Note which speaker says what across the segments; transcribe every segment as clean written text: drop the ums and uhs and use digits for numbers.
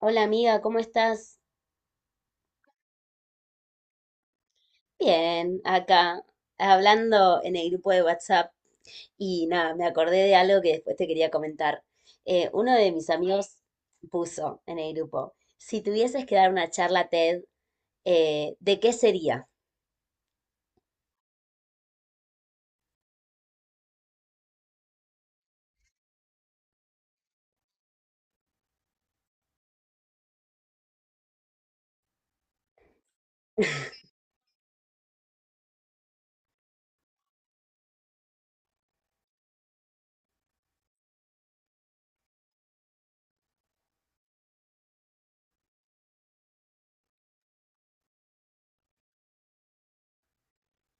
Speaker 1: Hola amiga, ¿cómo estás? Bien, acá, hablando en el grupo de WhatsApp y nada, me acordé de algo que después te quería comentar. Uno de mis amigos puso en el grupo, si tuvieses que dar una charla TED, ¿de qué sería?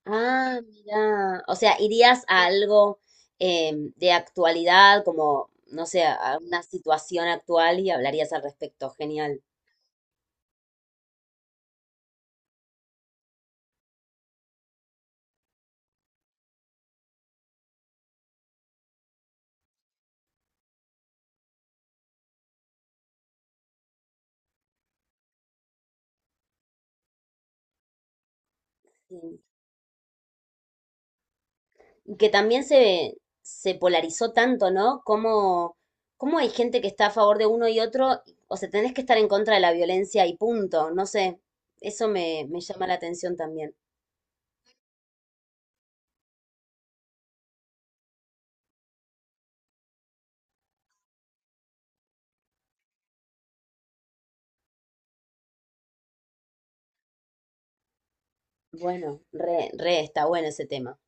Speaker 1: Ah, mira. O sea, irías a algo de actualidad, como, no sé, a una situación actual y hablarías al respecto. Genial. Sí. Y que también se polarizó tanto, ¿no? Como, cómo hay gente que está a favor de uno y otro, o sea, tenés que estar en contra de la violencia y punto. No sé, eso me llama la atención también. Bueno, está bueno ese tema.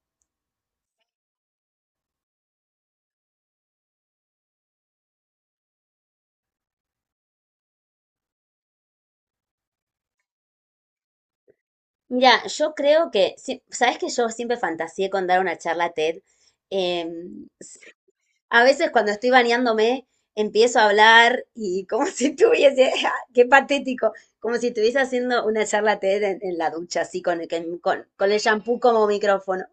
Speaker 1: Mira, yo creo que, sí, sabes que yo siempre fantaseé con dar una charla TED. Em, s- a veces cuando estoy bañándome, empiezo a hablar y como si estuviese, ¡ah! Qué patético, como si estuviese haciendo una charla TED en la ducha, así con con el shampoo como micrófono.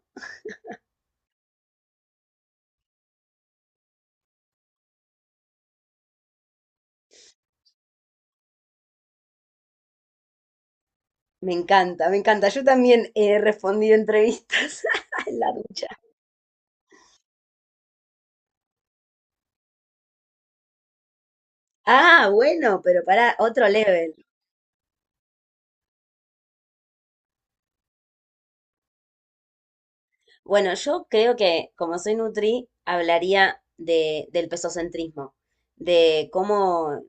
Speaker 1: Me encanta, me encanta. Yo también he respondido entrevistas en la ducha. Ah, bueno, pero para otro level. Bueno, yo creo que como soy nutri, hablaría del pesocentrismo, de cómo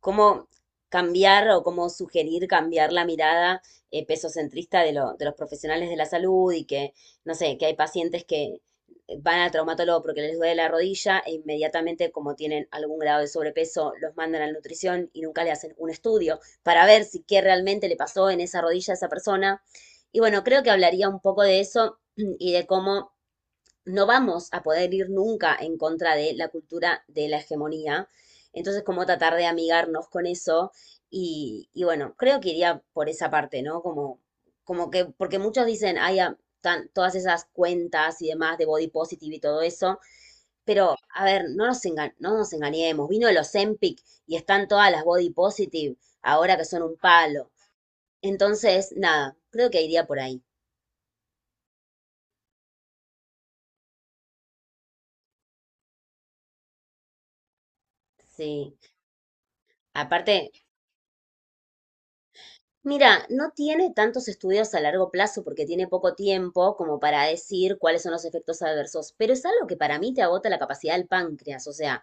Speaker 1: cómo cambiar o cómo sugerir cambiar la mirada pesocentrista de los profesionales de la salud y que, no sé, que hay pacientes que van al traumatólogo porque les duele la rodilla e inmediatamente, como tienen algún grado de sobrepeso, los mandan a la nutrición y nunca le hacen un estudio para ver si qué realmente le pasó en esa rodilla a esa persona. Y bueno, creo que hablaría un poco de eso y de cómo no vamos a poder ir nunca en contra de la cultura de la hegemonía. Entonces, como tratar de amigarnos con eso. Y bueno, creo que iría por esa parte, ¿no? Como, como que, porque muchos dicen, hay todas esas cuentas y demás de body positive y todo eso. Pero, a ver, no nos engañemos. Vino el Ozempic y están todas las body positive ahora que son un palo. Entonces, nada, creo que iría por ahí. Sí. Aparte, mira, no tiene tantos estudios a largo plazo porque tiene poco tiempo como para decir cuáles son los efectos adversos, pero es algo que para mí te agota la capacidad del páncreas, o sea,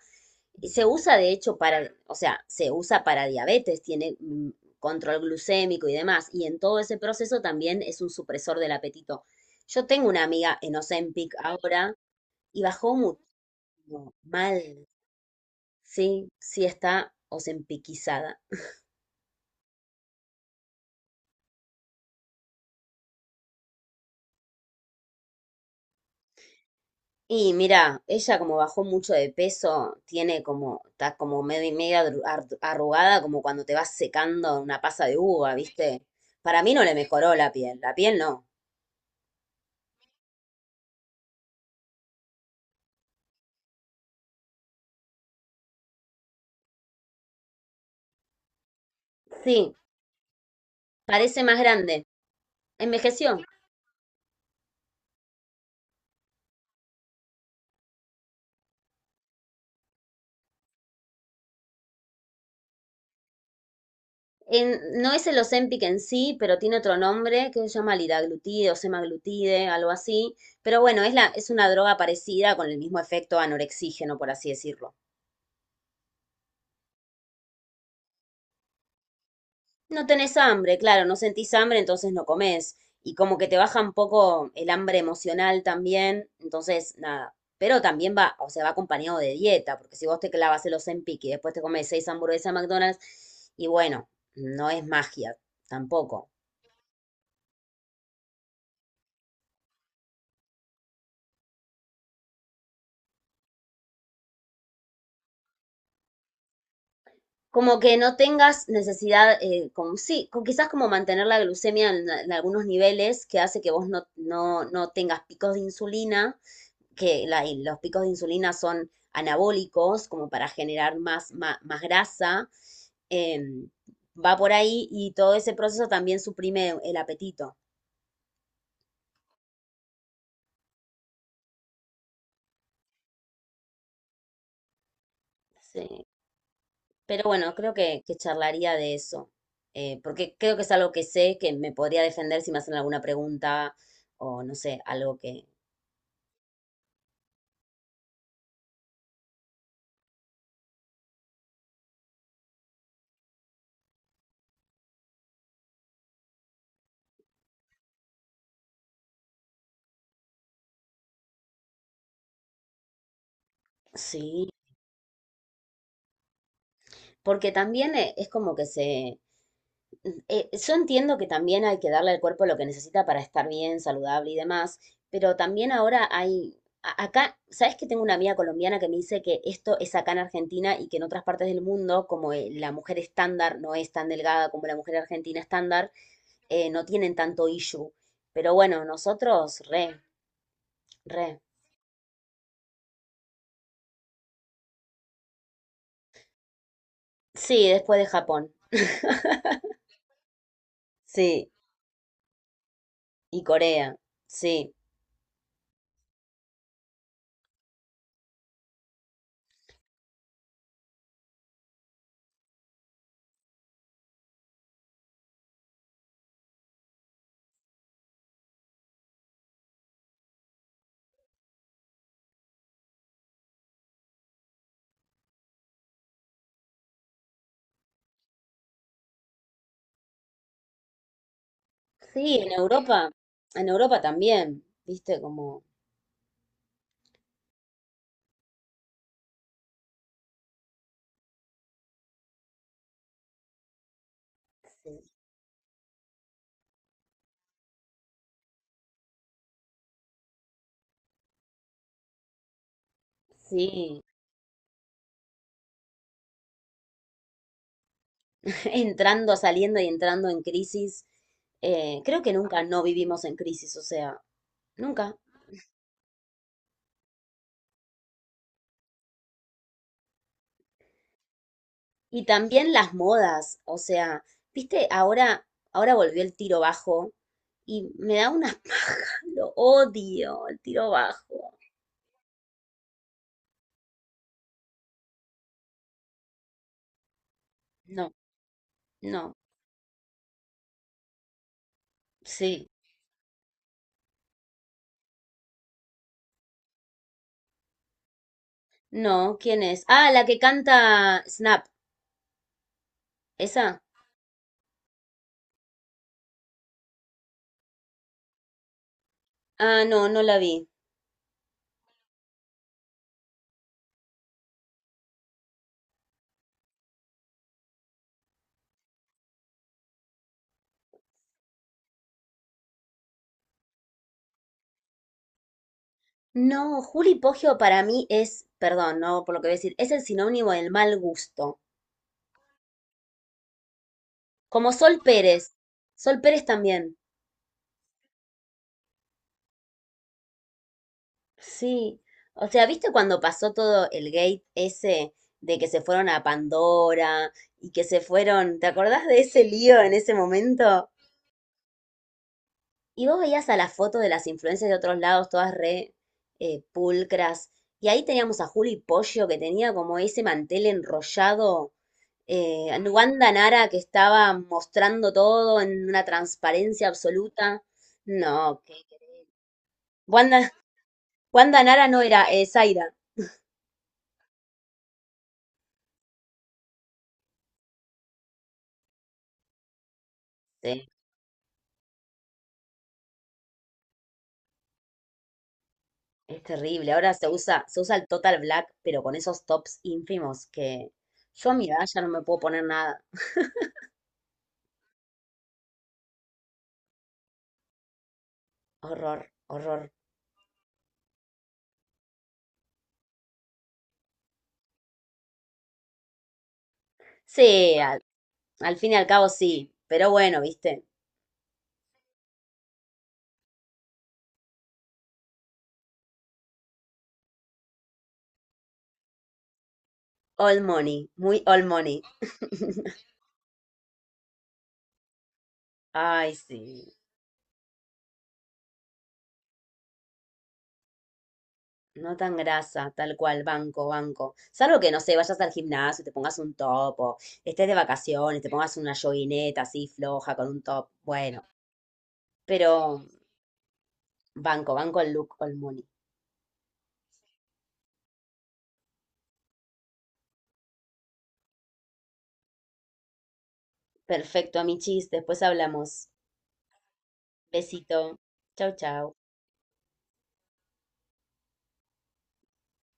Speaker 1: se usa de hecho para, o sea, se usa para diabetes, tiene control glucémico y demás, y en todo ese proceso también es un supresor del apetito. Yo tengo una amiga en Ozempic ahora y bajó muchísimo, mal, sí, sí está ozempicizada. Y mira, ella como bajó mucho de peso, tiene como, está como medio y media arrugada, como cuando te vas secando una pasa de uva, ¿viste? Para mí no le mejoró la piel no. Sí, parece más grande. Envejeció. No es el Ozempic en sí, pero tiene otro nombre que se llama liraglutide o semaglutide, algo así. Pero bueno, es una droga parecida con el mismo efecto anorexígeno, por así decirlo. No tenés hambre, claro, no sentís hambre, entonces no comés. Y como que te baja un poco el hambre emocional también, entonces nada. Pero también va, o sea, va acompañado de dieta, porque si vos te clavas el Ozempic y después te comes seis hamburguesas de McDonald's, y bueno, no es magia tampoco. Como que no tengas necesidad, como, sí, con, quizás como mantener la glucemia en algunos niveles que hace que vos no tengas picos de insulina los picos de insulina son anabólicos, como para generar más, más grasa, em, va por ahí y todo ese proceso también suprime el apetito. Sí. Pero bueno, creo que charlaría de eso, porque creo que es algo que sé que me podría defender si me hacen alguna pregunta o no sé, algo que... Sí, porque también es como que se... Yo entiendo que también hay que darle al cuerpo lo que necesita para estar bien, saludable y demás, pero también ahora acá, ¿sabes que tengo una amiga colombiana que me dice que esto es acá en Argentina y que en otras partes del mundo, como la mujer estándar no es tan delgada como la mujer argentina estándar, no tienen tanto issue? Pero bueno, nosotros, re, re. Sí, después de Japón, sí, y Corea, sí. Sí, en Europa también, viste, como... Sí, entrando, saliendo y entrando en crisis. Creo que nunca no vivimos en crisis, o sea, nunca. Y también las modas, o sea, viste, ahora, ahora volvió el tiro bajo y me da una paja, lo odio, el tiro bajo. No, no, sí, no, ¿quién es? Ah, la que canta Snap, esa. Ah, no, no la vi. No, Juli Poggio para mí es, perdón, no por lo que voy a decir, es el sinónimo del mal gusto. Como Sol Pérez. Sol Pérez también. Sí. O sea, ¿viste cuando pasó todo el gate ese de que se fueron a Pandora y que se fueron? ¿Te acordás de ese lío en ese momento? Y vos veías a las fotos de las influencias de otros lados, todas re pulcras. Y ahí teníamos a Juli Pollo, que tenía como ese mantel enrollado. A Wanda Nara, que estaba mostrando todo en una transparencia absoluta. No, que Wanda Nara no era, Zaira. Sí, es terrible. Ahora se usa el total black, pero con esos tops ínfimos que yo a mi edad ya no me puedo poner nada. Horror, horror. Sí, al fin y al cabo sí, pero bueno, viste. All money, muy all money. Ay, sí. No tan grasa, tal cual, banco, banco. Salvo que, no sé, vayas al gimnasio, y te pongas un top, o estés de vacaciones, te pongas una joguineta así floja con un top. Bueno, pero banco, banco el look all money. Perfecto, amichis. Después hablamos. Besito. Chau, chau.